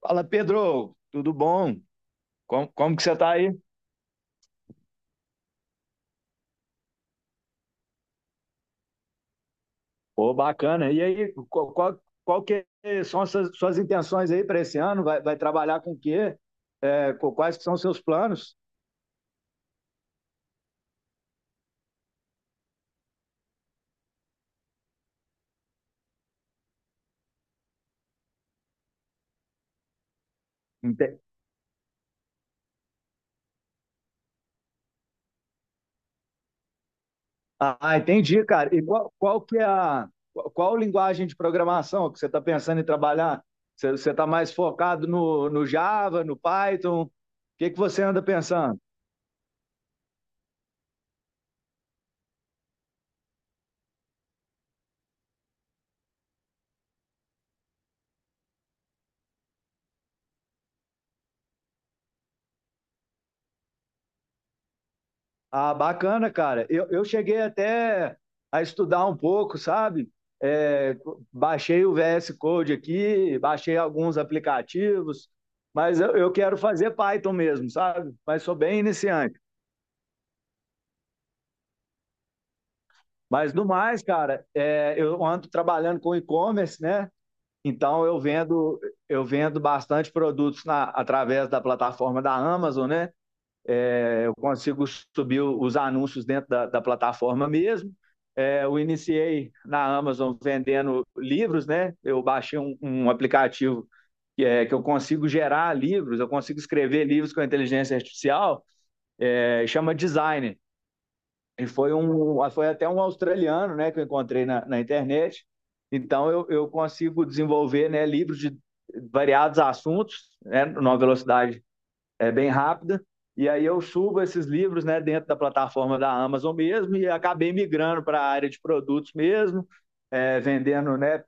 Fala, Pedro, tudo bom? Como que você tá aí? Pô, bacana. E aí, qual que são as suas intenções aí para esse ano? Vai trabalhar com o quê? Quais que são os seus planos? Ente- Ah, entendi, cara. E qual que é a, qual linguagem de programação que você está pensando em trabalhar? Você está mais focado no Java, no Python? O que que você anda pensando? Ah, bacana, cara. Eu cheguei até a estudar um pouco, sabe? É, Baixei o VS Code aqui, baixei alguns aplicativos, mas eu quero fazer Python mesmo, sabe? Mas sou bem iniciante. Mas no mais, cara, eu ando trabalhando com e-commerce, né? Então eu vendo bastante produtos através da plataforma da Amazon, né? Eu consigo subir os anúncios dentro da plataforma mesmo. É, eu iniciei na Amazon vendendo livros, né? Eu baixei um aplicativo que eu consigo gerar livros, eu consigo escrever livros com inteligência artificial, chama Designer. E foi até um australiano, né, que eu encontrei na internet. Então, eu consigo desenvolver, né, livros de variados assuntos, né, numa velocidade bem rápida. E aí eu subo esses livros, né, dentro da plataforma da Amazon mesmo e acabei migrando para a área de produtos mesmo, vendendo, né,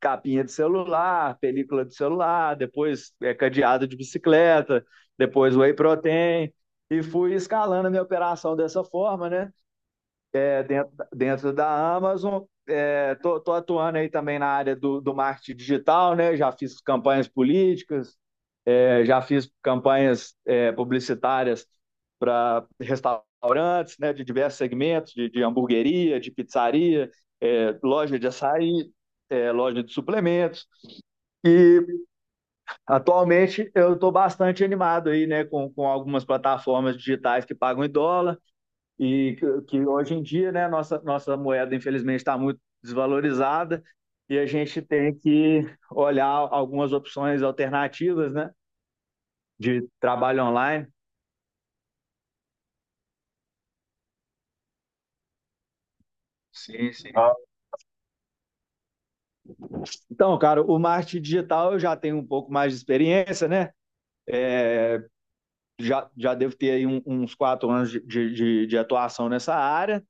capinha de celular, película de celular, depois cadeado de bicicleta, depois whey protein. E fui escalando a minha operação dessa forma, né? É, dentro da Amazon. Atuando aí também na área do marketing digital, né? Já fiz campanhas políticas, é, já fiz campanhas publicitárias para restaurantes, né, de diversos segmentos, de hamburgueria, de pizzaria, loja de açaí, loja de suplementos. E atualmente eu estou bastante animado aí, né, com algumas plataformas digitais que pagam em dólar e que hoje em dia, né, nossa moeda infelizmente está muito desvalorizada e a gente tem que olhar algumas opções alternativas, né, de trabalho online. Sim, sim. Ah, então, cara, o marketing digital eu já tenho um pouco mais de experiência, né? Já devo ter aí uns 4 anos de atuação nessa área.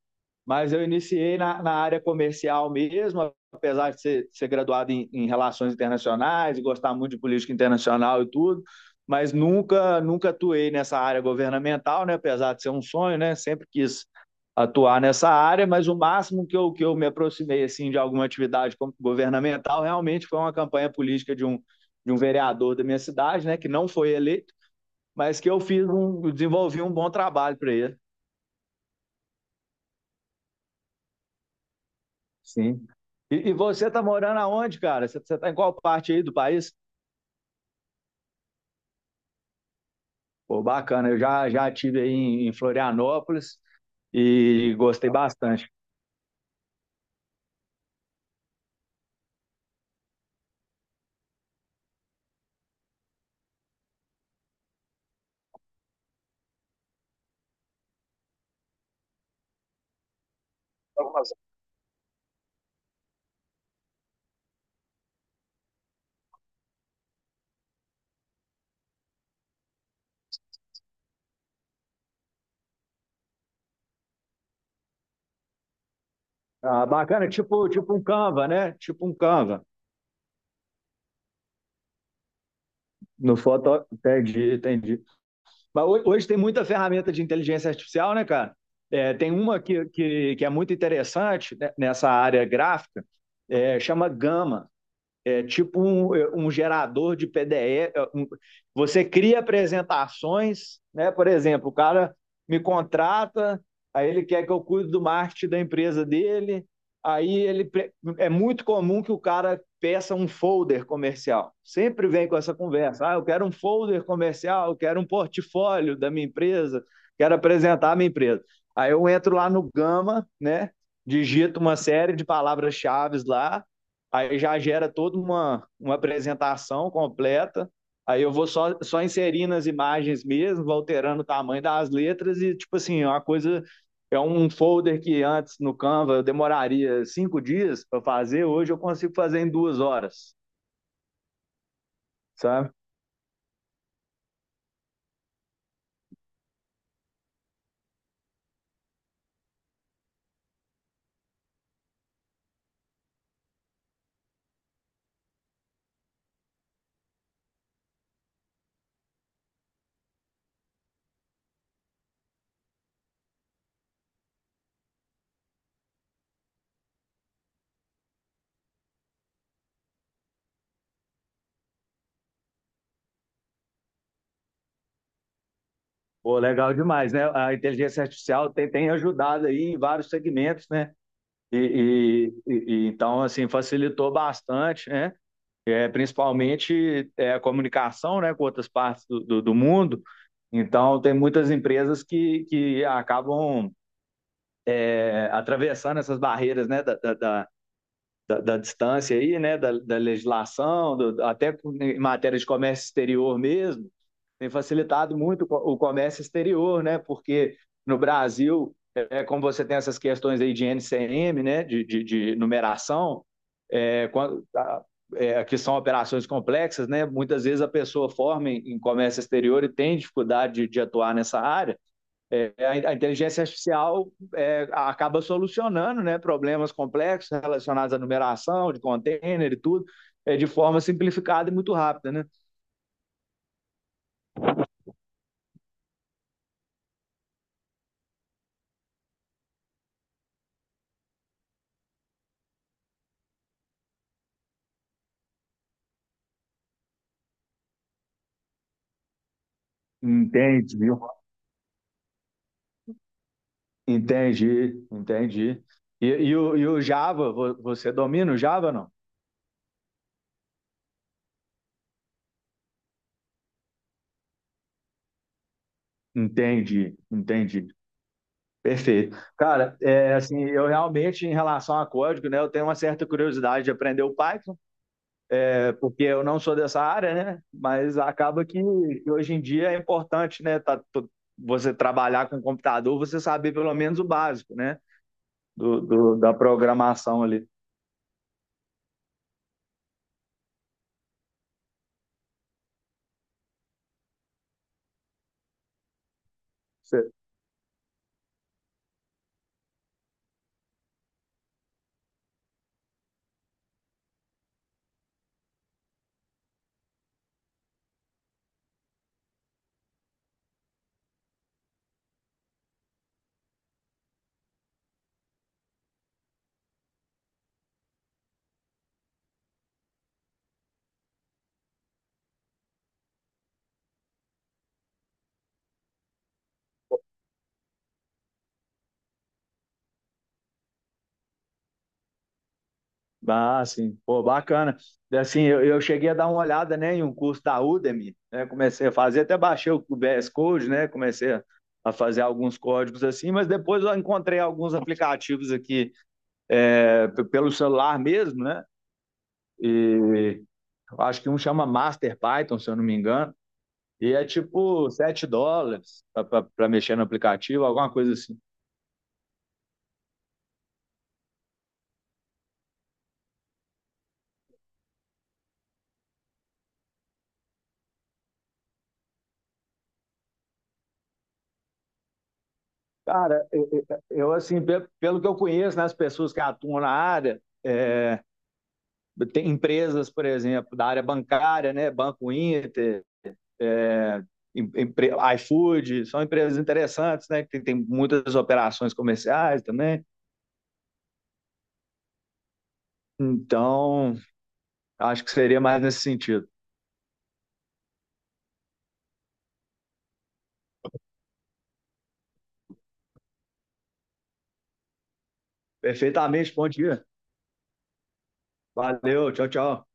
Mas eu iniciei na área comercial mesmo, apesar de ser graduado em relações internacionais, gostar muito de política internacional e tudo, mas nunca atuei nessa área governamental, né? Apesar de ser um sonho, né? Sempre quis atuar nessa área, mas o máximo que que eu me aproximei assim de alguma atividade governamental realmente foi uma campanha política de um vereador da minha cidade, né? Que não foi eleito, mas que desenvolvi um bom trabalho para ele. Sim. E você tá morando aonde, cara? Você tá em qual parte aí do país? Pô, bacana. Já tive aí em Florianópolis e gostei bastante. Ah, bacana, tipo, tipo um Canva, né? Tipo um Canva. No foto, entendi, entendi. Mas hoje tem muita ferramenta de inteligência artificial, né, cara? É, tem uma que é muito interessante, né, nessa área gráfica, chama Gama. É tipo um gerador de PDE. Você cria apresentações, né? Por exemplo, o cara me contrata, aí ele quer que eu cuide do marketing da empresa dele. Aí ele É muito comum que o cara peça um folder comercial. Sempre vem com essa conversa. Ah, eu quero um folder comercial, eu quero um portfólio da minha empresa, quero apresentar a minha empresa. Aí eu entro lá no Gama, né? Digito uma série de palavras-chave lá. Aí já gera toda uma apresentação completa. Aí eu vou só inserindo as imagens mesmo, vou alterando o tamanho das letras e, tipo assim, é uma coisa. É um folder que antes no Canva eu demoraria 5 dias para fazer, hoje eu consigo fazer em 2 horas, sabe? Pô, legal demais, né? A inteligência artificial tem, tem ajudado aí em vários segmentos, né? E então, assim, facilitou bastante, né? É, principalmente a comunicação, né, com outras partes do mundo. Então, tem muitas empresas que acabam atravessando essas barreiras, né, da distância, aí, né, da legislação, do, até em matéria de comércio exterior mesmo. Tem facilitado muito o comércio exterior, né, porque no Brasil, é, como você tem essas questões aí de NCM, né, de numeração, é, quando, a, que são operações complexas, né? Muitas vezes a pessoa forma em comércio exterior e tem dificuldade de atuar nessa área. É, inteligência artificial acaba solucionando, né? Problemas complexos relacionados à numeração de container e tudo, é, de forma simplificada e muito rápida, né? Entendi, entendi, entendi. E o Java, você domina o Java ou não? Entendi, entendi. Perfeito. Cara, é, assim, eu realmente, em relação a código, né, eu tenho uma certa curiosidade de aprender o Python, é, porque eu não sou dessa área, né, mas acaba que hoje em dia é importante, né, você trabalhar com computador, você saber pelo menos o básico, né, da programação ali. Ah, sim. Pô, bacana. Assim, eu cheguei a dar uma olhada, né, em um curso da Udemy, né? Comecei a fazer, até baixei o VS Code, né? Comecei a A fazer alguns códigos assim, mas depois eu encontrei alguns aplicativos aqui, pelo celular mesmo, né? E eu acho que um chama Master Python, se eu não me engano, e é tipo US$ 7 para mexer no aplicativo, alguma coisa assim. Cara, assim, pelo que eu conheço, né, as pessoas que atuam na área, é, tem empresas, por exemplo, da área bancária, né? Banco Inter, é, iFood, são empresas interessantes, né? Que tem, tem muitas operações comerciais também. Então, acho que seria mais nesse sentido. Perfeitamente, bom dia. Valeu, tchau, tchau.